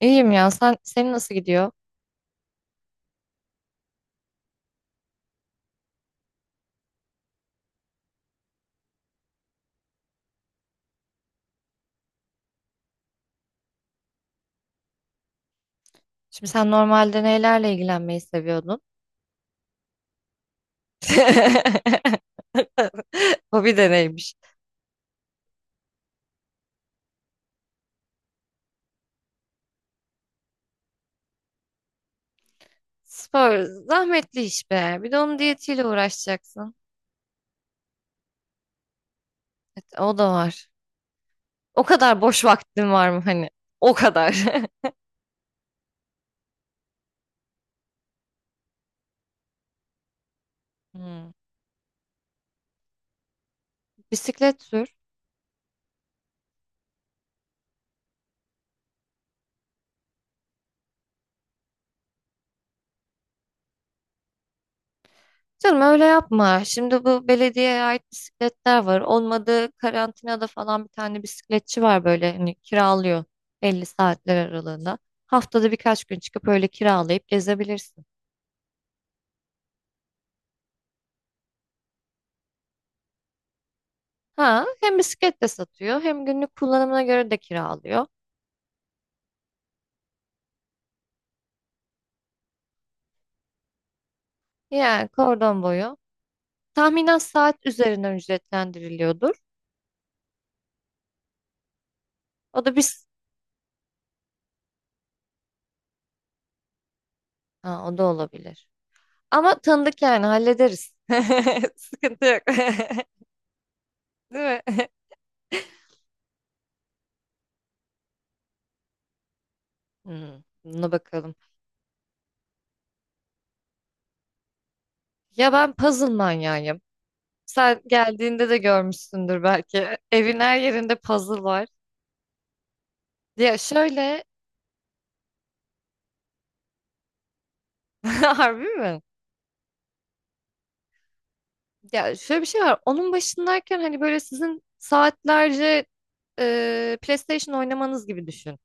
İyiyim ya. Senin nasıl gidiyor? Şimdi sen normalde nelerle ilgilenmeyi seviyordun? Hobi de neymiş? Spor zahmetli iş be. Bir de onun diyetiyle uğraşacaksın. Evet, o da var. O kadar boş vaktin var mı hani? O kadar. Hmm. Bisiklet sür. Canım öyle yapma. Şimdi bu belediyeye ait bisikletler var. Olmadı karantinada falan bir tane bisikletçi var böyle hani kiralıyor 50 saatler aralığında. Haftada birkaç gün çıkıp öyle kiralayıp gezebilirsin. Ha, hem bisiklet de satıyor hem günlük kullanımına göre de kiralıyor. Yani kordon boyu. Tahminen saat üzerinden ücretlendiriliyordur. O da biz ha, o da olabilir. Ama tanıdık yani hallederiz. Sıkıntı yok. Değil mi? Hmm, buna bakalım. Ya ben puzzle manyağıyım. Sen geldiğinde de görmüşsündür belki. Evin her yerinde puzzle var. Ya şöyle, harbi mi? Ya şöyle bir şey var. Onun başındayken hani böyle sizin saatlerce PlayStation oynamanız gibi düşün.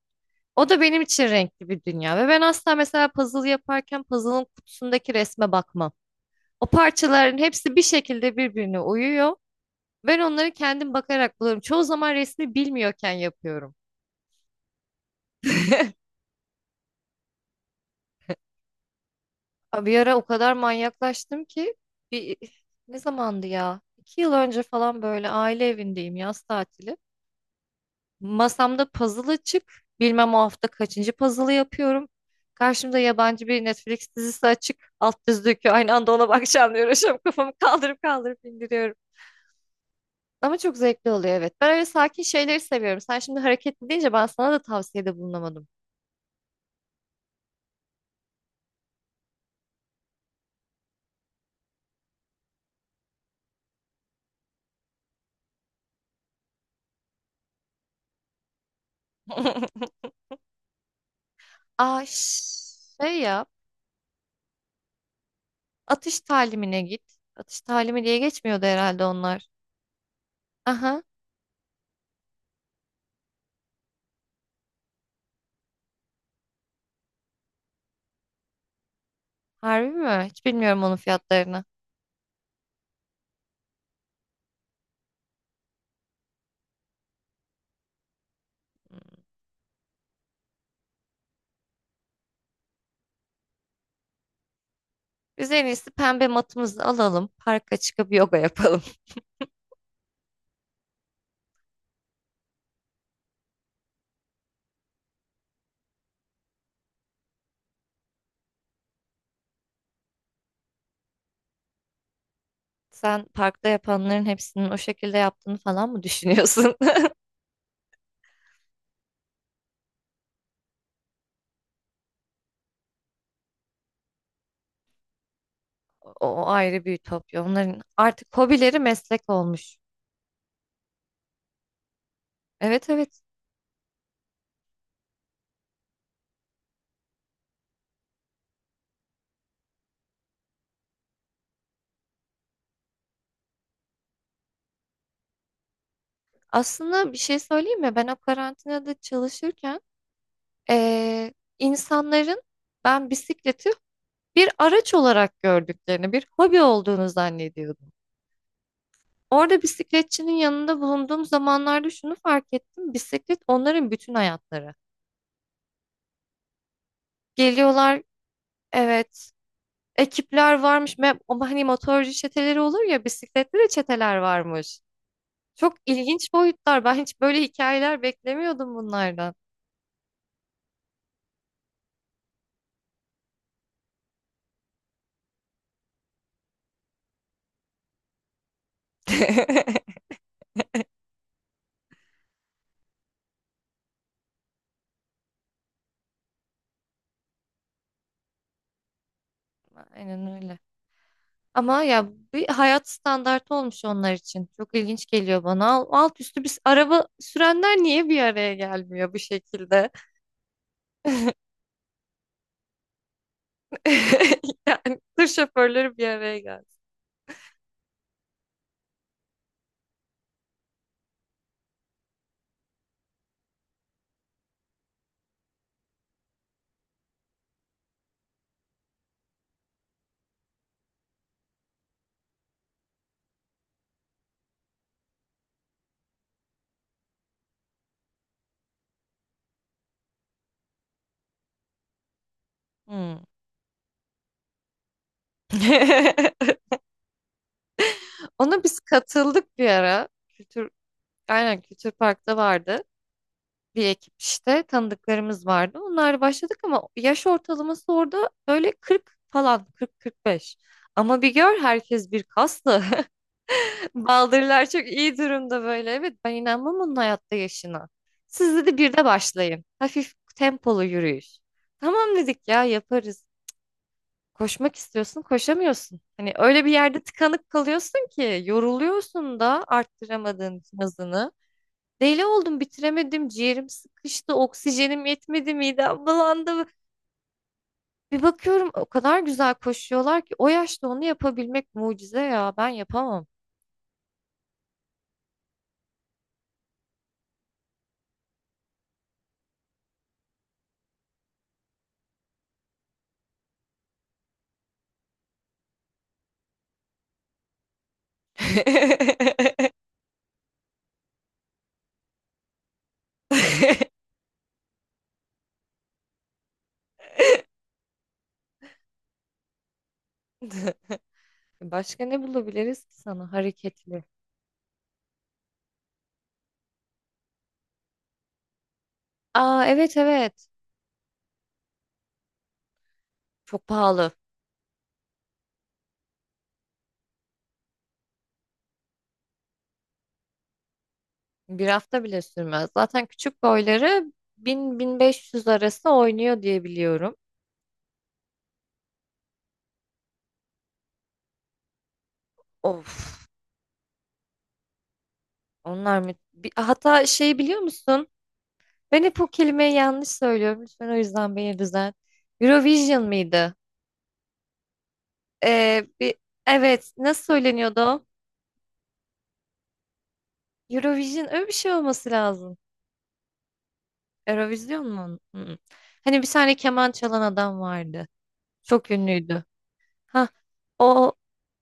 O da benim için renkli bir dünya. Ve ben asla mesela puzzle yaparken puzzle'ın kutusundaki resme bakmam. O parçaların hepsi bir şekilde birbirine uyuyor. Ben onları kendim bakarak buluyorum. Çoğu zaman resmi bilmiyorken yapıyorum. Abi, bir ara o kadar manyaklaştım ki bir ne zamandı ya? 2 yıl önce falan böyle aile evindeyim, yaz tatili. Masamda puzzle açık. Bilmem o hafta kaçıncı puzzle yapıyorum. Karşımda yabancı bir Netflix dizisi açık. Alt düz döküyor. Aynı anda ona bakacağım diye uğraşıyorum. Kafamı kaldırıp kaldırıp indiriyorum. Ama çok zevkli oluyor, evet. Ben öyle sakin şeyleri seviyorum. Sen şimdi hareketli deyince ben sana da tavsiyede bulunamadım. Aa şey ya. Atış talimine git. Atış talimi diye geçmiyordu herhalde onlar. Aha, harbi mi? Hiç bilmiyorum onun fiyatlarını. Hmm. Biz en iyisi pembe matımızı alalım. Parka çıkıp yoga yapalım. Sen parkta yapanların hepsinin o şekilde yaptığını falan mı düşünüyorsun? O ayrı bir ütopya. Onların artık hobileri meslek olmuş. Evet, evet. Aslında bir şey söyleyeyim mi? Ben o karantinada çalışırken eee, insanların ben bisikleti bir araç olarak gördüklerini, bir hobi olduğunu zannediyordum. Orada bisikletçinin yanında bulunduğum zamanlarda şunu fark ettim. Bisiklet onların bütün hayatları. Geliyorlar, evet, ekipler varmış. Ama hani motorcu çeteleri olur ya, bisikletli de çeteler varmış. Çok ilginç boyutlar. Ben hiç böyle hikayeler beklemiyordum bunlardan. Aynen öyle. Ama ya bir hayat standartı olmuş onlar için. Çok ilginç geliyor bana. Alt üstü biz araba sürenler niye bir araya gelmiyor bu şekilde? Yani tır şoförleri bir araya geldi. Hmm. Ona biz katıldık bir ara. Aynen, Kültür Park'ta vardı. Bir ekip işte, tanıdıklarımız vardı. Onlarla başladık ama yaş ortalaması orada böyle 40 falan, 40-45. Ama bir gör, herkes bir kaslı. Baldırlar çok iyi durumda böyle. Evet, ben inanmam onun hayatta yaşına. Siz dedi bir de başlayın. Hafif tempolu yürüyüş. Tamam dedik ya, yaparız. Koşmak istiyorsun, koşamıyorsun. Hani öyle bir yerde tıkanıp kalıyorsun ki yoruluyorsun da arttıramadığın için hızını. Deli oldum, bitiremedim, ciğerim sıkıştı, oksijenim yetmedi, midem bulandı. Bir bakıyorum o kadar güzel koşuyorlar ki o yaşta onu yapabilmek mucize ya. Ben yapamam. Başka ne bulabiliriz ki sana hareketli? Aa, evet evet. Çok pahalı. Bir hafta bile sürmez. Zaten küçük boyları 1000-1500 arası oynuyor diye biliyorum. Of, onlar mı? Hatta şey, biliyor musun? Ben hep bu kelimeyi yanlış söylüyorum. Lütfen o yüzden beni düzelt. Eurovision mıydı? Ee, bir, evet, nasıl söyleniyordu o? Eurovision öyle bir şey olması lazım. Eurovision mu? Hı. Hani bir tane keman çalan adam vardı. Çok ünlüydü. Ha, o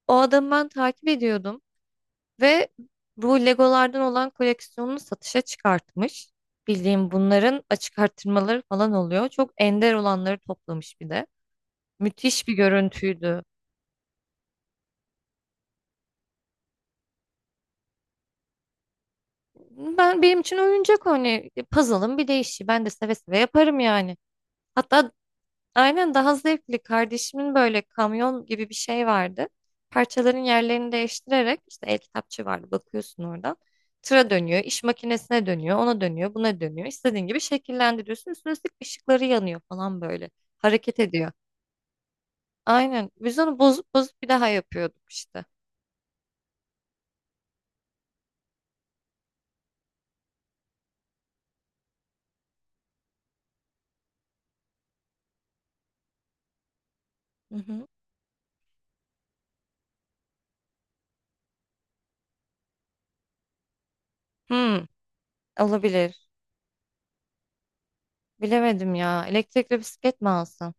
o adamı ben takip ediyordum. Ve bu Legolardan olan koleksiyonunu satışa çıkartmış. Bildiğim bunların açık artırmaları falan oluyor. Çok ender olanları toplamış bir de. Müthiş bir görüntüydü. Benim için oyuncak o, hani puzzle'ın bir değişi. Ben de seve seve yaparım yani. Hatta Aynen, daha zevkli. Kardeşimin böyle kamyon gibi bir şey vardı. Parçaların yerlerini değiştirerek, işte el kitapçı vardı, bakıyorsun oradan. Tıra dönüyor, iş makinesine dönüyor, ona dönüyor, buna dönüyor. İstediğin gibi şekillendiriyorsun. Üstüne üstlük ışıkları yanıyor falan böyle. Hareket ediyor. Aynen. Biz onu bozup bozup bir daha yapıyorduk işte. Hı hı. Hmm, olabilir. Bilemedim ya. Elektrikli bisiklet mi alsam?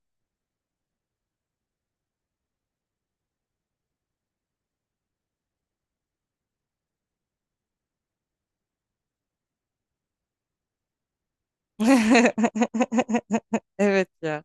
Evet ya.